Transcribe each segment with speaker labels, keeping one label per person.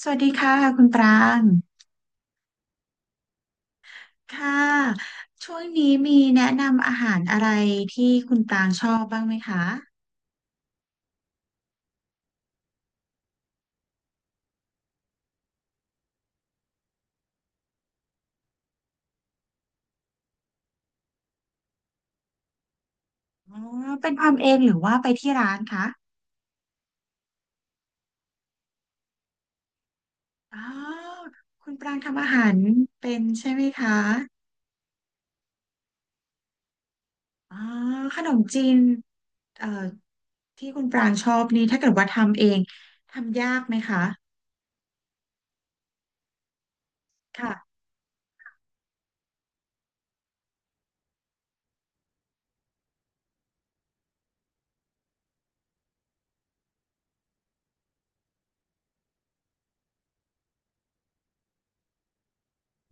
Speaker 1: สวัสดีค่ะคุณปรางค่ะ ช่วงนี้มีแนะนำอาหารอะไรที่คุณปรางชอบบ้างไหมคะอ๋อเป็นทำเองหรือว่าไปที่ร้านคะอ๋อคุณปรางทำอาหารเป็นใช่ไหมคะอ๋อขนมจีนเอ่อที่คุณปรางชอบนี่ถ้าเกิดว่าทำเองทำยากไหมคะค่ะ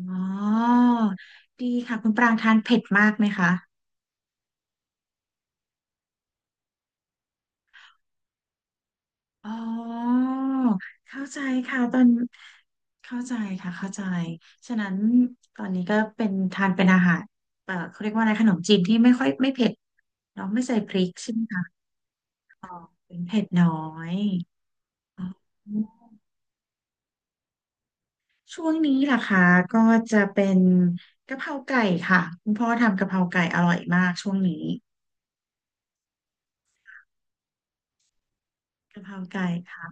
Speaker 1: อ๋อดีค่ะคุณปรางทานเผ็ดมากไหมคะ อ๋อเข้าใจค่ะตอนเข้าใจค่ะเข้าใจฉะนั้นตอนนี้ก็เป็นทานเป็นอาหารเขาเรียกว่าอะไรขนมจีนที่ไม่ค่อยไม่เผ็ดเนาะไม่ใส่พริกใช่ไหมคะเป็นเผ็ดน้อยอ๋อช่วงนี้ล่ะคะก็จะเป็นกะเพราไก่ค่ะคุณพ่อทำกะเพราไก่อร่อยมากช่วงนี้กะเพราไก่ค่ะ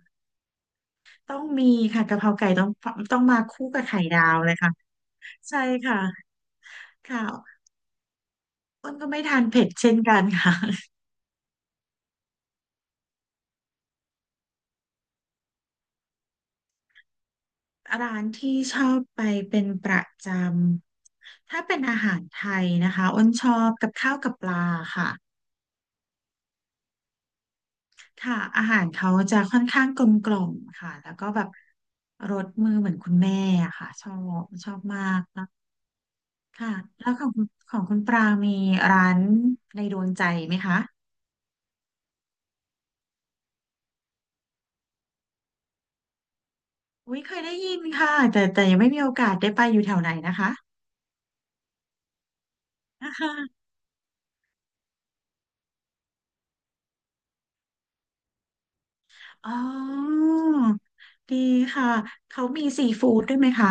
Speaker 1: ต้องมีค่ะกะเพราไก่ต้องมาคู่กับไข่ดาวเลยค่ะใช่ค่ะค่ะ อ้นก็ไม่ทานเผ็ดเช่นกันค่ะ ร้านที่ชอบไปเป็นประจำถ้าเป็นอาหารไทยนะคะอ้นชอบกับข้าวกับปลาค่ะค่ะอาหารเขาจะค่อนข้างกลมกล่อมค่ะแล้วก็แบบรสมือเหมือนคุณแม่อะค่ะชอบมากนะค่ะแล้วของคุณปลามีร้านในดวงใจไหมคะอุ้ยเคยได้ยินค่ะแต่ยังไม่มีโอกาสได้ไปอยู่แถวไหนนะคะ อ๋อดีค่ะ เขามีซีฟู้ดด้วยไหมคะ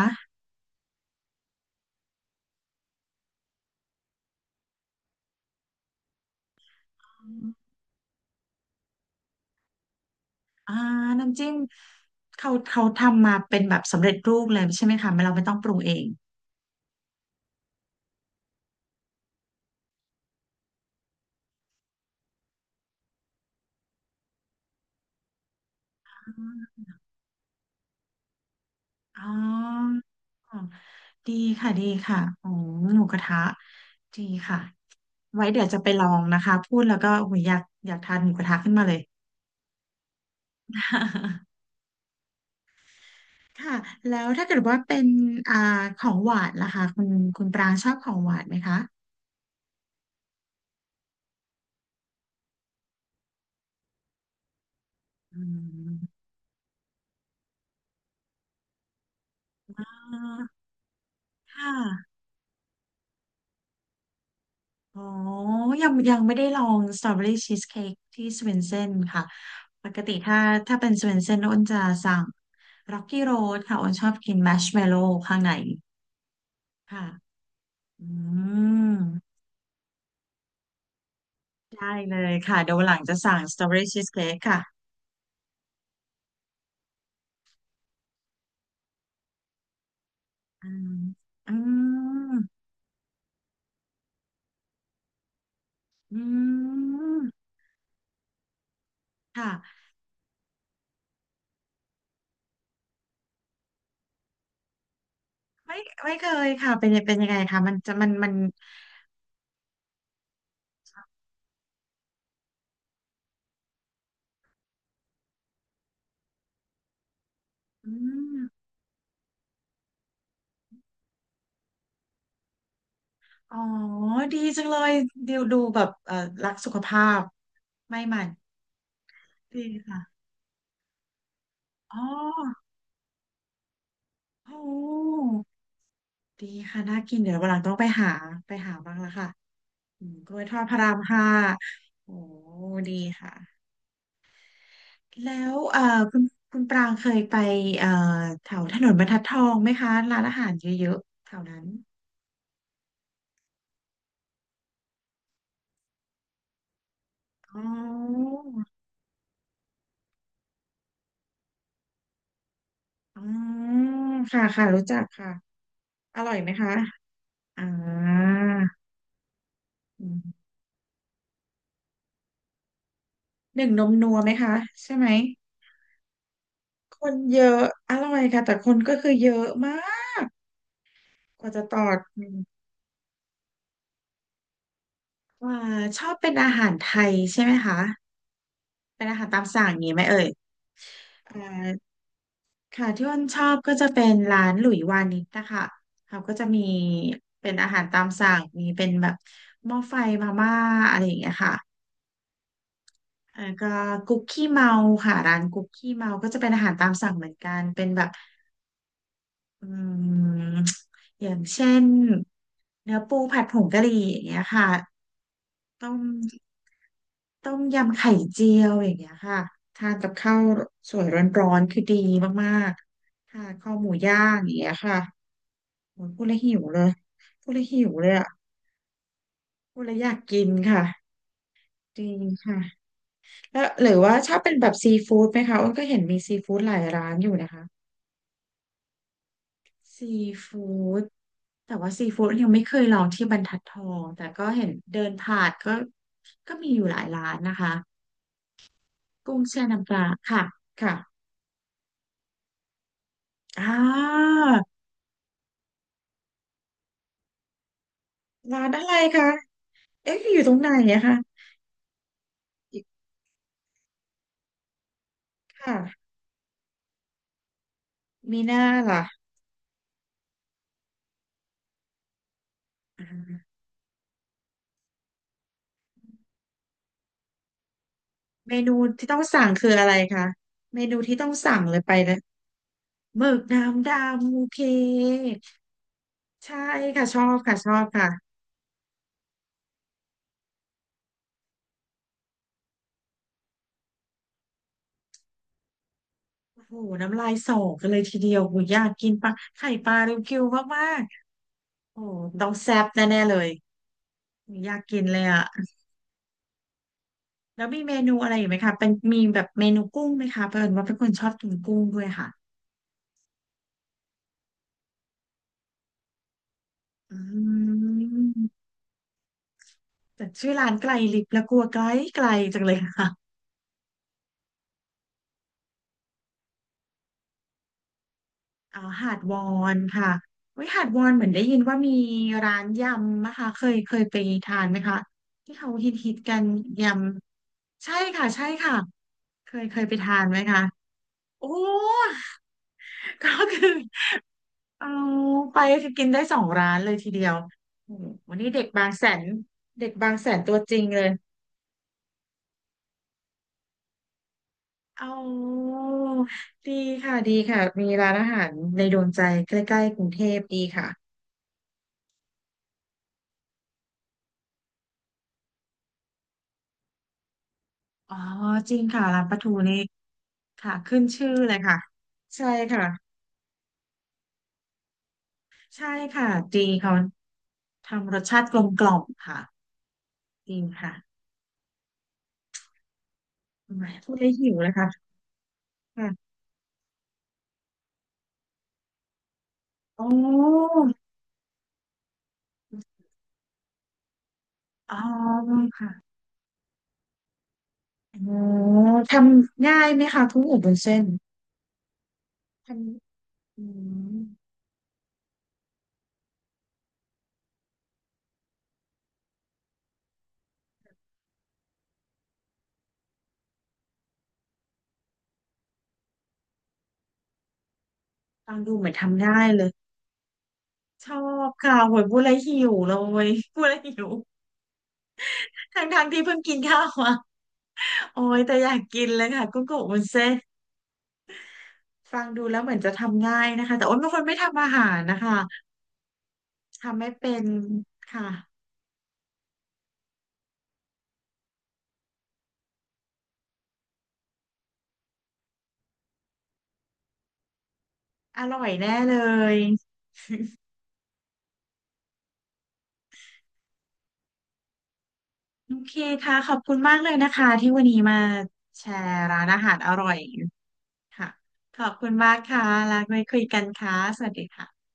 Speaker 1: อ่าน้ำจิ้มเขาทำมาเป็นแบบสำเร็จรูปเลยใช่ไหมคะไม่เราไม่ต้องปรุงเองอ๋อดีค่ะดีค่ะโอ้หมูกระทะดีค่ะไว้เดี๋ยวจะไปลองนะคะพูดแล้วก็โอ้ยอยากทานหมูกระทะขึ้นมาเลย ค่ะแล้วถ้าเกิดว่าเป็นอ่าของหวานล่ะคะคุณปรางชอบของหวานไหมคะอืมอ่าค่ะ อ๋อยังไม่ได้ลองสตรอเบอรี่ชีสเค้กที่สเวนเซนค่ะปกติถ้าเป็นสเวนเซนอ้นจะสั่งร็อกกี้โรดค่ะอ้นชอบกินแมชเมลโล่ข้างในค่ะอืมได้เลยค่ะเดี๋ยววันหลังจะสั่งสตรอเบอรี่ชีสเค้กค่ะอืมอืมอืมค่ะไม่ไม่เคยค่ะเป็นยังไงคะมันจะมันมันอืมอ๋อดีจังเลยดูดูแบบรักสุขภาพไม่มัน ดีค่ะอ๋อโอ้ดีค่ะน่ากินเดี๋ยววันหลังต้องไปหาไปหาบ้างละค่ะอืมกล้วยทอดพระรามห้าโอ้ดีค่ะแล้วคุณปรางเคยไปเอ่อแถวถนนบรรทัดทองไหมคะร้านอาหารเยอะๆแถวนั้นอ๋ออ๋อค่ะค่ะรู้จักค่ะอร่อยไหมคะอ่าอืมหนึ่งนมนัวไหมคะใช่ไหมคนเยอะอร่อยค่ะแต่คนก็คือเยอะมาก กว่าจะตอบอืมว่าชอบเป็นอาหารไทยใช่ไหมคะเป็นอาหารตามสั่งอย่างนี้ไหมเอ่ยเอ่อค่ะที่อ้นชอบก็จะเป็นร้านหลุยวานิชนะคะเขาก็จะมีเป็นอาหารตามสั่งมีเป็นแบบหม้อไฟมาม่าอะไรอย่างเงี้ยค่ะอาก็คุกกี้เมาค่ะร้านคุกกี้เมาก็จะเป็นอาหารตามสั่งเหมือนกันเป็นแบบอืมอย่างเช่นเนื้อปูผัดผงกะหรี่อย่างเงี้ยค่ะต้ม ต้มยำไข่เจียวอย่างเงี้ยค่ะทานกับข้าวสวยร้อนๆคือดีมากๆทานข้าวหมูย่างอย่างเงี้ยค่ะโอ้ยพูดแล้วหิวเลยพูดแล้วหิวเลยอ่ะพูดแล้วอยากกินค่ะจริงค่ะแล้วหรือว่าชอบเป็นแบบซีฟู้ดไหมคะอ้นก็เห็นมีซีฟู้ดหลายร้านอยู่นะคะซีฟู้ดแต่ว่าซีฟู้ดยังไม่เคยลองที่บรรทัดทองแต่ก็เห็นเดินผ่านก็มีอยู่หลายร้านนะคะกุ้งแช่น้ำปลาค่ะค่ะอ่า ร้านอะไรคะ เอ๊ะอยู่ตรงไหนอะคะอีกค่ะมีหน้าล่ะอ่าเมนูที่ต้องสั่งคืออะไรคะ เมนูที่ต้องสั่งเลยไปเลยหมึกน้ำดำโอเคใช่ค่ะ ชอบค่ะชอบค่ะโอ้โหน้ำลายสอกันเลยทีเดียวโหอยากกินปลาไข่ปลาริวกิวมากๆโอ้โหต้องแซ่บแน่ๆเลยโหอยากกินเลยอะแล้วมีเมนูอะไรอีกไหมคะเป็นมีแบบเมนูกุ้งไหมคะเพิ่นว่าเป็นคนชอบกินกุ้งด้วยค่ะอืม แต่ชื่อร้านไกลลิบและกลัวไกลไกลจังเลยค่ะอ๋อหาดวอนค่ะเว้ยหาดวอนเหมือนได้ยินว่ามีร้านยำนะคะเคยไปทานไหมคะที่เขาฮิตกันยำใช่ค่ะใช่ค่ะเคยไปทานไหมคะโอ้ ก็คือเอาไปคือกินได้สองร้านเลยทีเดียวโอ้โหวันนี้เด็กบางแสนเด็กบางแสนตัวจริงเลย อ๋อดีค่ะดีค่ะมีร้านอาหารในดวงใจใกล้ๆกรุงเทพดีค่ะอ๋อจริงค่ะร้านปลาทูนี่ค่ะขึ้นชื่อเลยค่ะใช่ค่ะใช่ค่ะดีเขาทำรสชาติกลมกล่อมค่ะดีค่ะอหมพูดไล้วหิวเลยค่ะค่ะโอ้อ๋อค่ะอ๋อทำง่ายไหมคะกุ้งอบวุ้นเส้นทำอืมฟังดูเหมือนทำง่ายเลย ชอบค่ะโหยพูดแล้วหิวเลยพูดแล้วหิวทั้งทงที่เพิ่งกินข้าวมาโอ้ยแต่อยากกินเลยค่ะกุ้งกับวุ้นเส้นฟังดูแล้วเหมือนจะทำง่ายนะคะแต่โอ้ยเป็นคนไม่ทำอาหารนะคะทำไม่เป็นค่ะอร่อยแน่เลยโอเคค่ะขอบคุณมากเลยนะคะที่วันนี้มาแชร์ร้านอาหารอร่อยค่ะขอบคุณมากค่ะแล้วไว้คุยกันค่ะสวัสดีค่ะ